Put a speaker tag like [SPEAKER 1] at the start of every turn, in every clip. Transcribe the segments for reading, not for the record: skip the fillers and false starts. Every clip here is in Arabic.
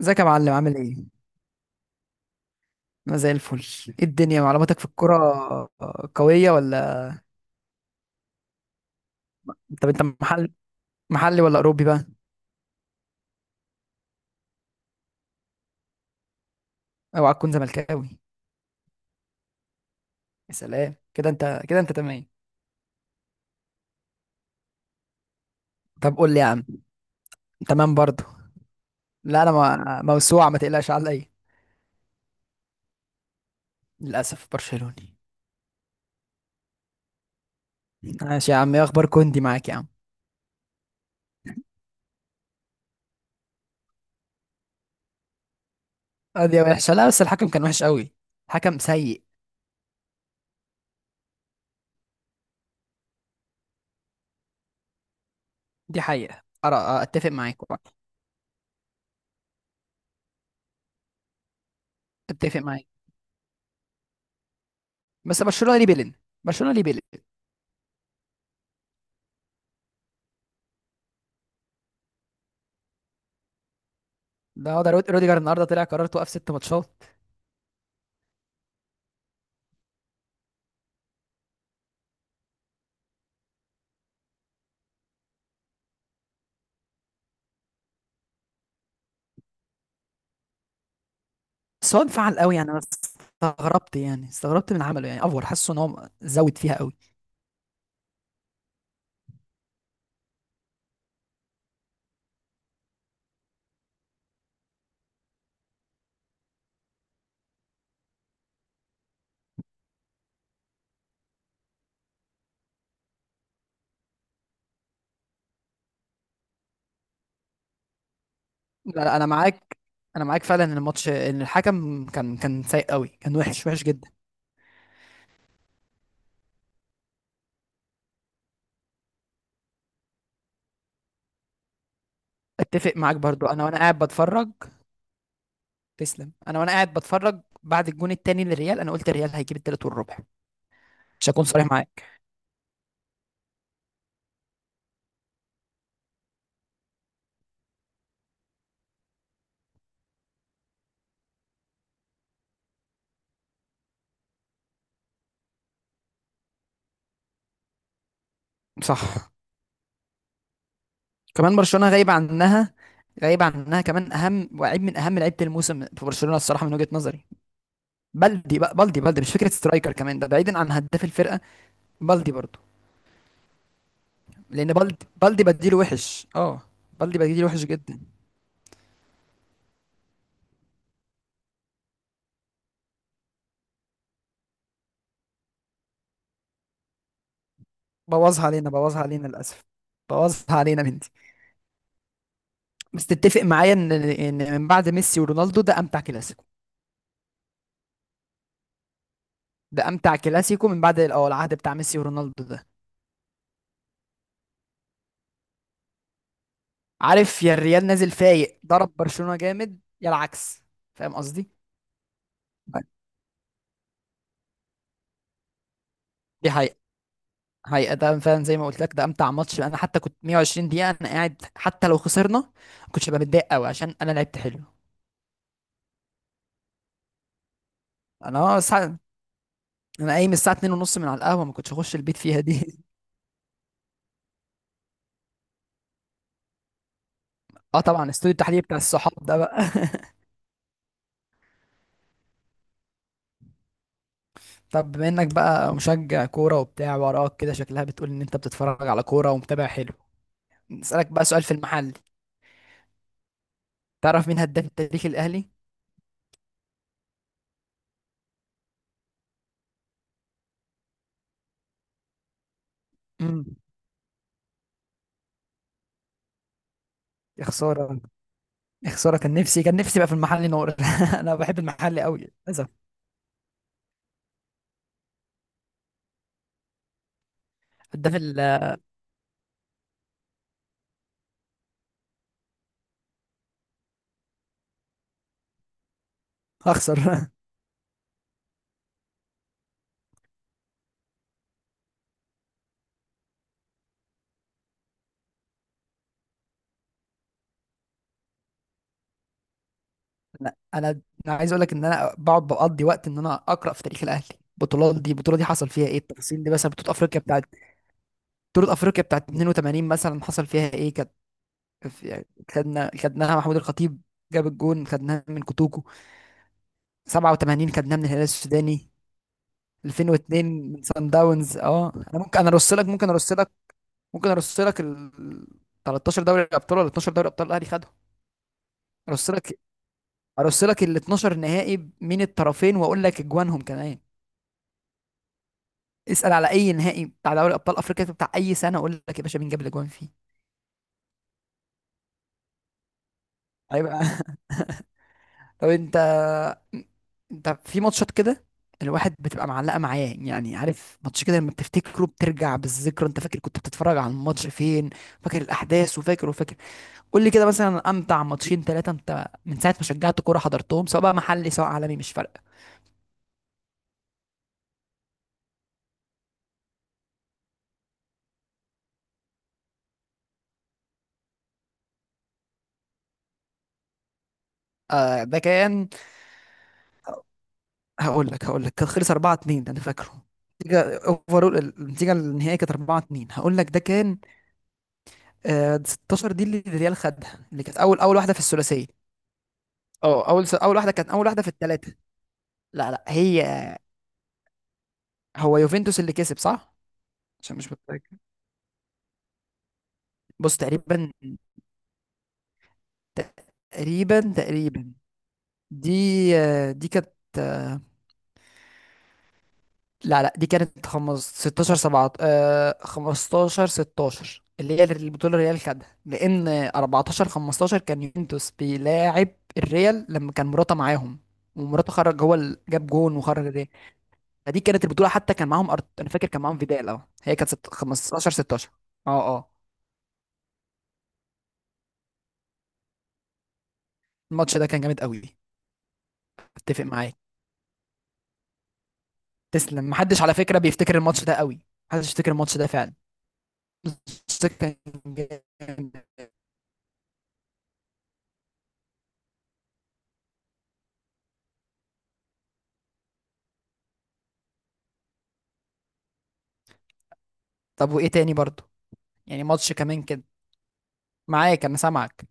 [SPEAKER 1] ازيك يا معلم عامل ايه؟ انا زي الفل. ايه الدنيا، معلوماتك في الكرة؟ آه، قوية ولا. طب انت محلي ولا اوروبي بقى؟ اوعى تكون زملكاوي. يا سلام كده انت تمام. طب قول لي يا عم. تمام برضو. لا انا موسوعة، ما تقلقش عليا. للاسف برشلوني. ماشي يا عم، ايه اخبار كوندي معاك يا عم؟ ادي وحشة. لا بس الحكم كان وحش قوي، حكم سيء. دي حقيقة، أرى، اتفق معاك والله. اتفق معاك. بس برشلونة ليه بيلين، برشلونة ليه بيلين. ده روديجر النهارده طلع قرار توقف ست ماتشات. بس هو انفعل قوي، يعني انا استغربت، يعني استغربت من عمله، يعني افور حاسه ان هو زود فيها قوي. لا لا، انا معاك. انا معاك فعلا ان الماتش، ان الحكم كان سيء قوي، كان وحش وحش جدا. اتفق معاك برضو، انا وانا قاعد بتفرج. تسلم. انا وانا قاعد بتفرج بعد الجون التاني للريال، انا قلت الريال هيجيب التالت والربع. مش هكون صريح معاك. صح. كمان برشلونة غايب عنها، غايب عنها، كمان اهم وعيب من اهم لعيبه الموسم في برشلونة الصراحة من وجهة نظري. بلدي بقى، بلدي بلدي مش فكرة سترايكر كمان، ده بعيدا عن هداف الفرقة. بلدي برضو. لان بلدي بديله وحش، بلدي بديله وحش جدا. بوظها علينا، بوظها علينا للاسف. بوظها علينا بنتي. بس تتفق معايا ان من بعد ميسي ورونالدو ده امتع كلاسيكو. ده امتع كلاسيكو من بعد العهد بتاع ميسي ورونالدو ده. عارف، يا الريال نازل فايق ضرب برشلونة جامد، يا العكس. فاهم قصدي؟ دي حقيقة. حقيقة ده فعلا زي ما قلت لك، ده امتع ماتش. انا حتى كنت 120 دقيقة انا قاعد، حتى لو خسرنا ما كنتش ببقى متضايق قوي عشان انا لعبت حلو. انا اه سع- انا قايم الساعه 2 ونص من على القهوه، ما كنتش اخش البيت فيها دي. اه، طبعا استوديو التحليل بتاع الصحاب ده بقى. طب بما انك بقى مشجع كوره وبتاع، وراك كده شكلها بتقول ان انت بتتفرج على كوره ومتابع حلو. نسالك بقى سؤال في المحل. تعرف مين هداف التاريخ الاهلي؟ امم. يا خساره، يا خساره، كان نفسي، كان نفسي بقى في المحل نور. انا بحب المحل قوي. للاسف. هداف ال- هخسر. لا انا، عايز اقول لك ان انا بقعد بقضي وقت ان انا اقرا في تاريخ الاهلي. البطولات دي، البطوله دي حصل فيها ايه، التفاصيل دي، مثلا بطوله افريقيا بتاعت، بطولة أفريقيا بتاعت 82 مثلا حصل فيها إيه. كانت في- يعني خدناها محمود الخطيب جاب الجون، خدناها من كوتوكو 87، خدناها من الهلال السوداني 2002 من سان داونز. اه، انا ممكن انا ارص لك، ممكن ارص لك، ممكن ارص لك ال 13 دوري ابطال ولا 12 دوري ابطال الاهلي خدهم. ارص لك ارص لك ال 12 نهائي من الطرفين، واقول لك اجوانهم كمان. اسال على اي نهائي بتاع دوري ابطال افريقيا بتاع اي سنه، اقول لك يا باشا مين جاب الاجوان فيه. هيبقى. طب انت، في ماتشات كده الواحد بتبقى معلقه معاه يعني، عارف ماتش كده لما بتفتكره بترجع بالذكرى، انت فاكر كنت بتتفرج على الماتش فين، فاكر الاحداث وفاكر وفاكر. قول لي كده، مثلا امتع ماتشين ثلاثه انت من ساعه ما شجعت كوره حضرتهم، سواء بقى محلي سواء عالمي، مش فارقه. آه، ده كان. هقول لك كان خلص 4-2، ده انا فاكره. النتيجه اوفرول، النتيجه النهائيه كانت 4-2، هقول لك ده كان 16، دي اللي الريال خدها، اللي كانت اول، واحده في الثلاثيه. اه، اول واحده، كانت اول واحده في الثلاثه. لا لا، هي. هو يوفنتوس اللي كسب، صح؟ عشان مش متاكد. بص تقريبا، تقريبا تقريبا. دي، دي كانت، آه، لا لا، دي كانت 16 7، 15 16 اللي هي البطوله الريال خدها، لان 14 15 كان يوفنتوس بيلاعب الريال لما كان مراته معاهم. ومراته خرج، هو اللي جاب جون وخرج الريال. فدي كانت البطوله، حتى كان معاهم انا فاكر كان معاهم فيدال. اه، هي كانت 15 16. اه اه الماتش ده كان جامد قوي. اتفق معاك، تسلم. محدش على فكره بيفتكر الماتش ده قوي، محدش يفتكر الماتش ده فعلا. الماتش ده كان جامد. طب وايه تاني برضو، يعني ماتش كمان كده، معاك انا سامعك.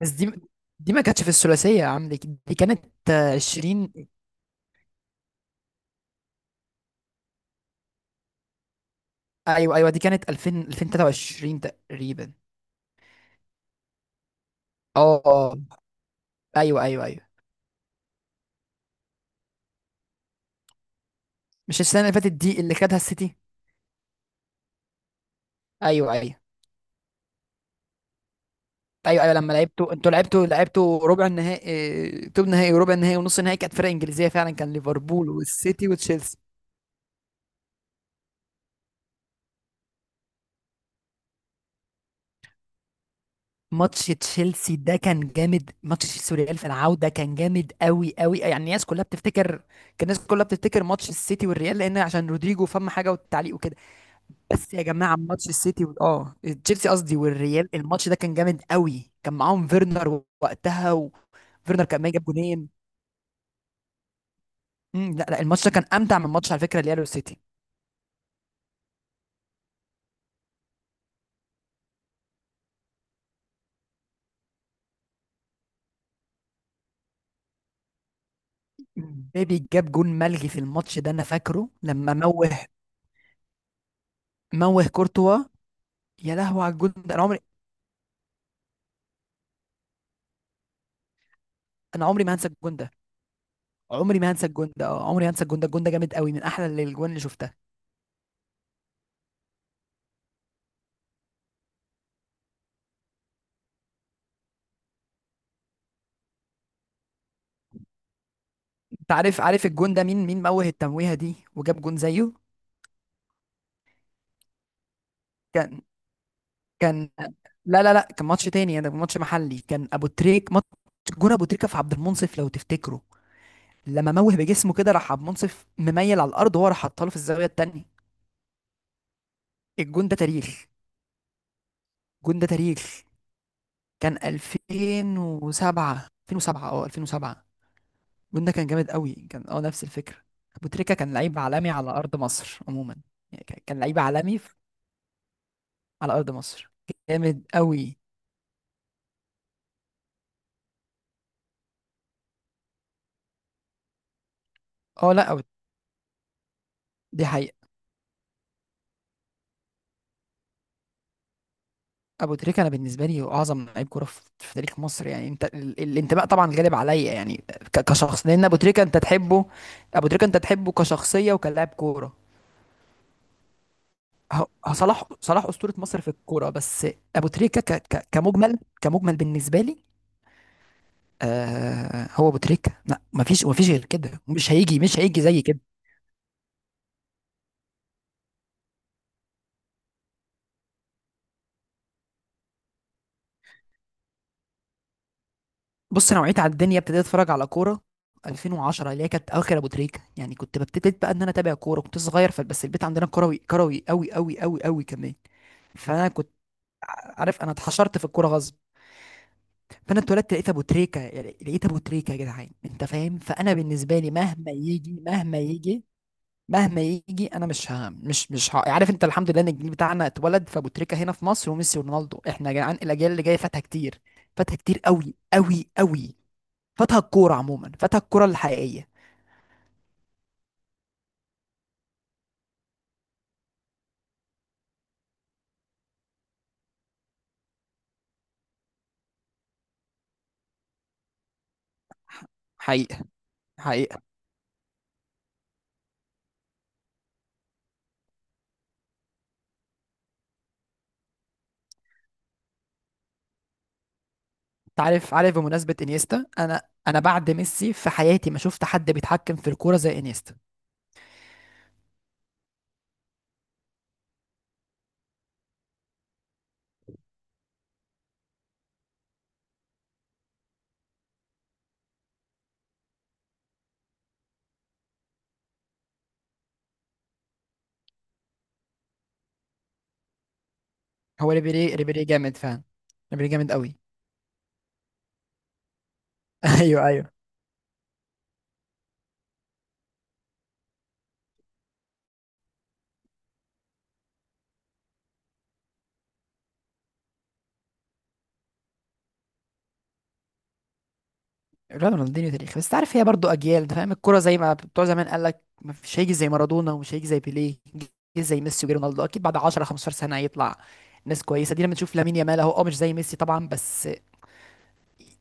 [SPEAKER 1] بس دي، ما كانتش في الثلاثيه يا عم. دي، كانت 20. ايوه ايوه، دي كانت 2000 2023 تقريبا. اه اه ايوه ايوه ايوه. مش السنه اللي فاتت دي اللي خدها السيتي؟ ايوه ايوه ايوه. ايوه لما لعبتوا انتوا، لعبتوا ربع النهائي، توب نهائي، وربع النهائي ونص النهائي كانت فرق انجليزيه فعلا، كان ليفربول والسيتي وتشيلسي. ماتش تشيلسي ده كان جامد، ماتش تشيلسي والريال في العوده كان جامد قوي قوي يعني، الناس كلها بتفتكر. كان الناس كلها بتفتكر ماتش السيتي والريال، لان عشان رودريجو فم حاجه والتعليق وكده. بس يا جماعه ماتش السيتي و... اه تشيلسي قصدي والريال، الماتش ده كان جامد قوي، كان معاهم فيرنر وقتها، وفيرنر كان ما جاب جونين. لا لا، الماتش ده كان امتع من ماتش على فكره الريال والسيتي. مبابي جاب جون ملغي في الماتش ده انا فاكره لما موه. موه كورتوا. يا لهوي على الجون ده. انا عمري ما هنسى الجون ده، عمري ما هنسى الجون ده، عمري ما هنسى الجون ده. الجون ده جامد قوي، من احلى الجوان اللي شفتها. انت عارف، الجون ده مين، موه التمويهه دي وجاب جون زيه؟ كان كان، لا لا لا، كان ماتش تاني يعني، ماتش محلي كان ابو تريك ماتش، جون ابو تريكه في عبد المنصف لو تفتكره. لما موه بجسمه كده، راح عبد المنصف مميل على الارض، وهو راح حطها له في الزاويه التانيه. الجون ده تاريخ، الجون ده تاريخ. كان 2007 2007 2007. الجون ده كان جامد قوي، كان نفس الفكرة. أبو تريكة كان لعيب عالمي على أرض مصر عموما، يعني كان لعيب عالمي على أرض مصر، جامد قوي. اه لا، دي حقيقة. أبو تريكة أنا بالنسبة لي هو أعظم لعيب كورة في تاريخ مصر، يعني أنت الانتماء طبعا غالب عليا، يعني كشخص، لأن أبو تريكة أنت تحبه. أبو تريكة أنت تحبه كشخصية وكلاعب كورة. هو صلاح، أسطورة مصر في الكورة بس. أبو تريكة كمجمل، كمجمل بالنسبة لي. آه، هو ابو تريكه. لا، مفيش غير كده، مش هيجي زي كده. بص، انا وعيت على الدنيا، ابتديت اتفرج على كوره 2010 اللي هي كانت اخر ابو تريكه يعني، كنت ببتديت بقى ان انا اتابع كوره، كنت صغير، فبس البيت عندنا كروي كروي قوي قوي قوي قوي كمان. فانا كنت عارف انا اتحشرت في الكوره غصب. فانا اتولدت لقيت ابو تريكه، يعني لقيت ابو تريكه يا جدعان انت فاهم، فانا بالنسبه لي مهما يجي، مهما يجي، مهما يجي، انا مش ها، مش ها، عارف انت. الحمد لله ان الجيل بتاعنا اتولد فابو تريكه هنا في مصر، وميسي ورونالدو، احنا يا جدعان الاجيال اللي جايه فاتها كتير، فاتها كتير قوي قوي قوي، فاتها الكوره عموما، فاتها الكوره الحقيقيه. ح- حقيقه. حقيقه. انت عارف، بمناسبه انيستا، انا بعد ميسي في حياتي ما شفت حد بيتحكم في الكوره زي انيستا. هو ريبيري، ريبيري جامد فعلا. ريبيري جامد قوي. ايوه ايوه. رونالدينيو تاريخي، بس تعرف هي برضو اجيال ده فاهم، الكوره زي ما بتوع زمان قال لك مش هيجي زي مارادونا ومش هيجي زي بيليه، جه زي ميسي وجي رونالدو اكيد. بعد 10 15 سنه هيطلع ناس كويسه دي، لما تشوف لامين يامال اهو، اه مش زي ميسي طبعا بس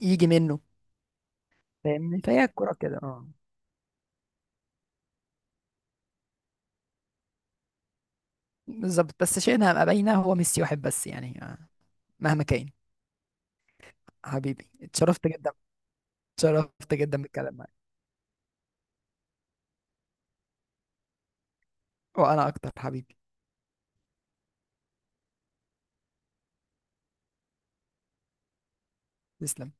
[SPEAKER 1] يجي منه. فاهمني؟ فهي الكوره كده اه. بالظبط، بس شئنا ام ابينا هو ميسي واحد بس يعني، مهما كان. حبيبي اتشرفت جدا، اتشرفت جدا بالكلام معاك. وانا اكتر حبيبي. تسلم.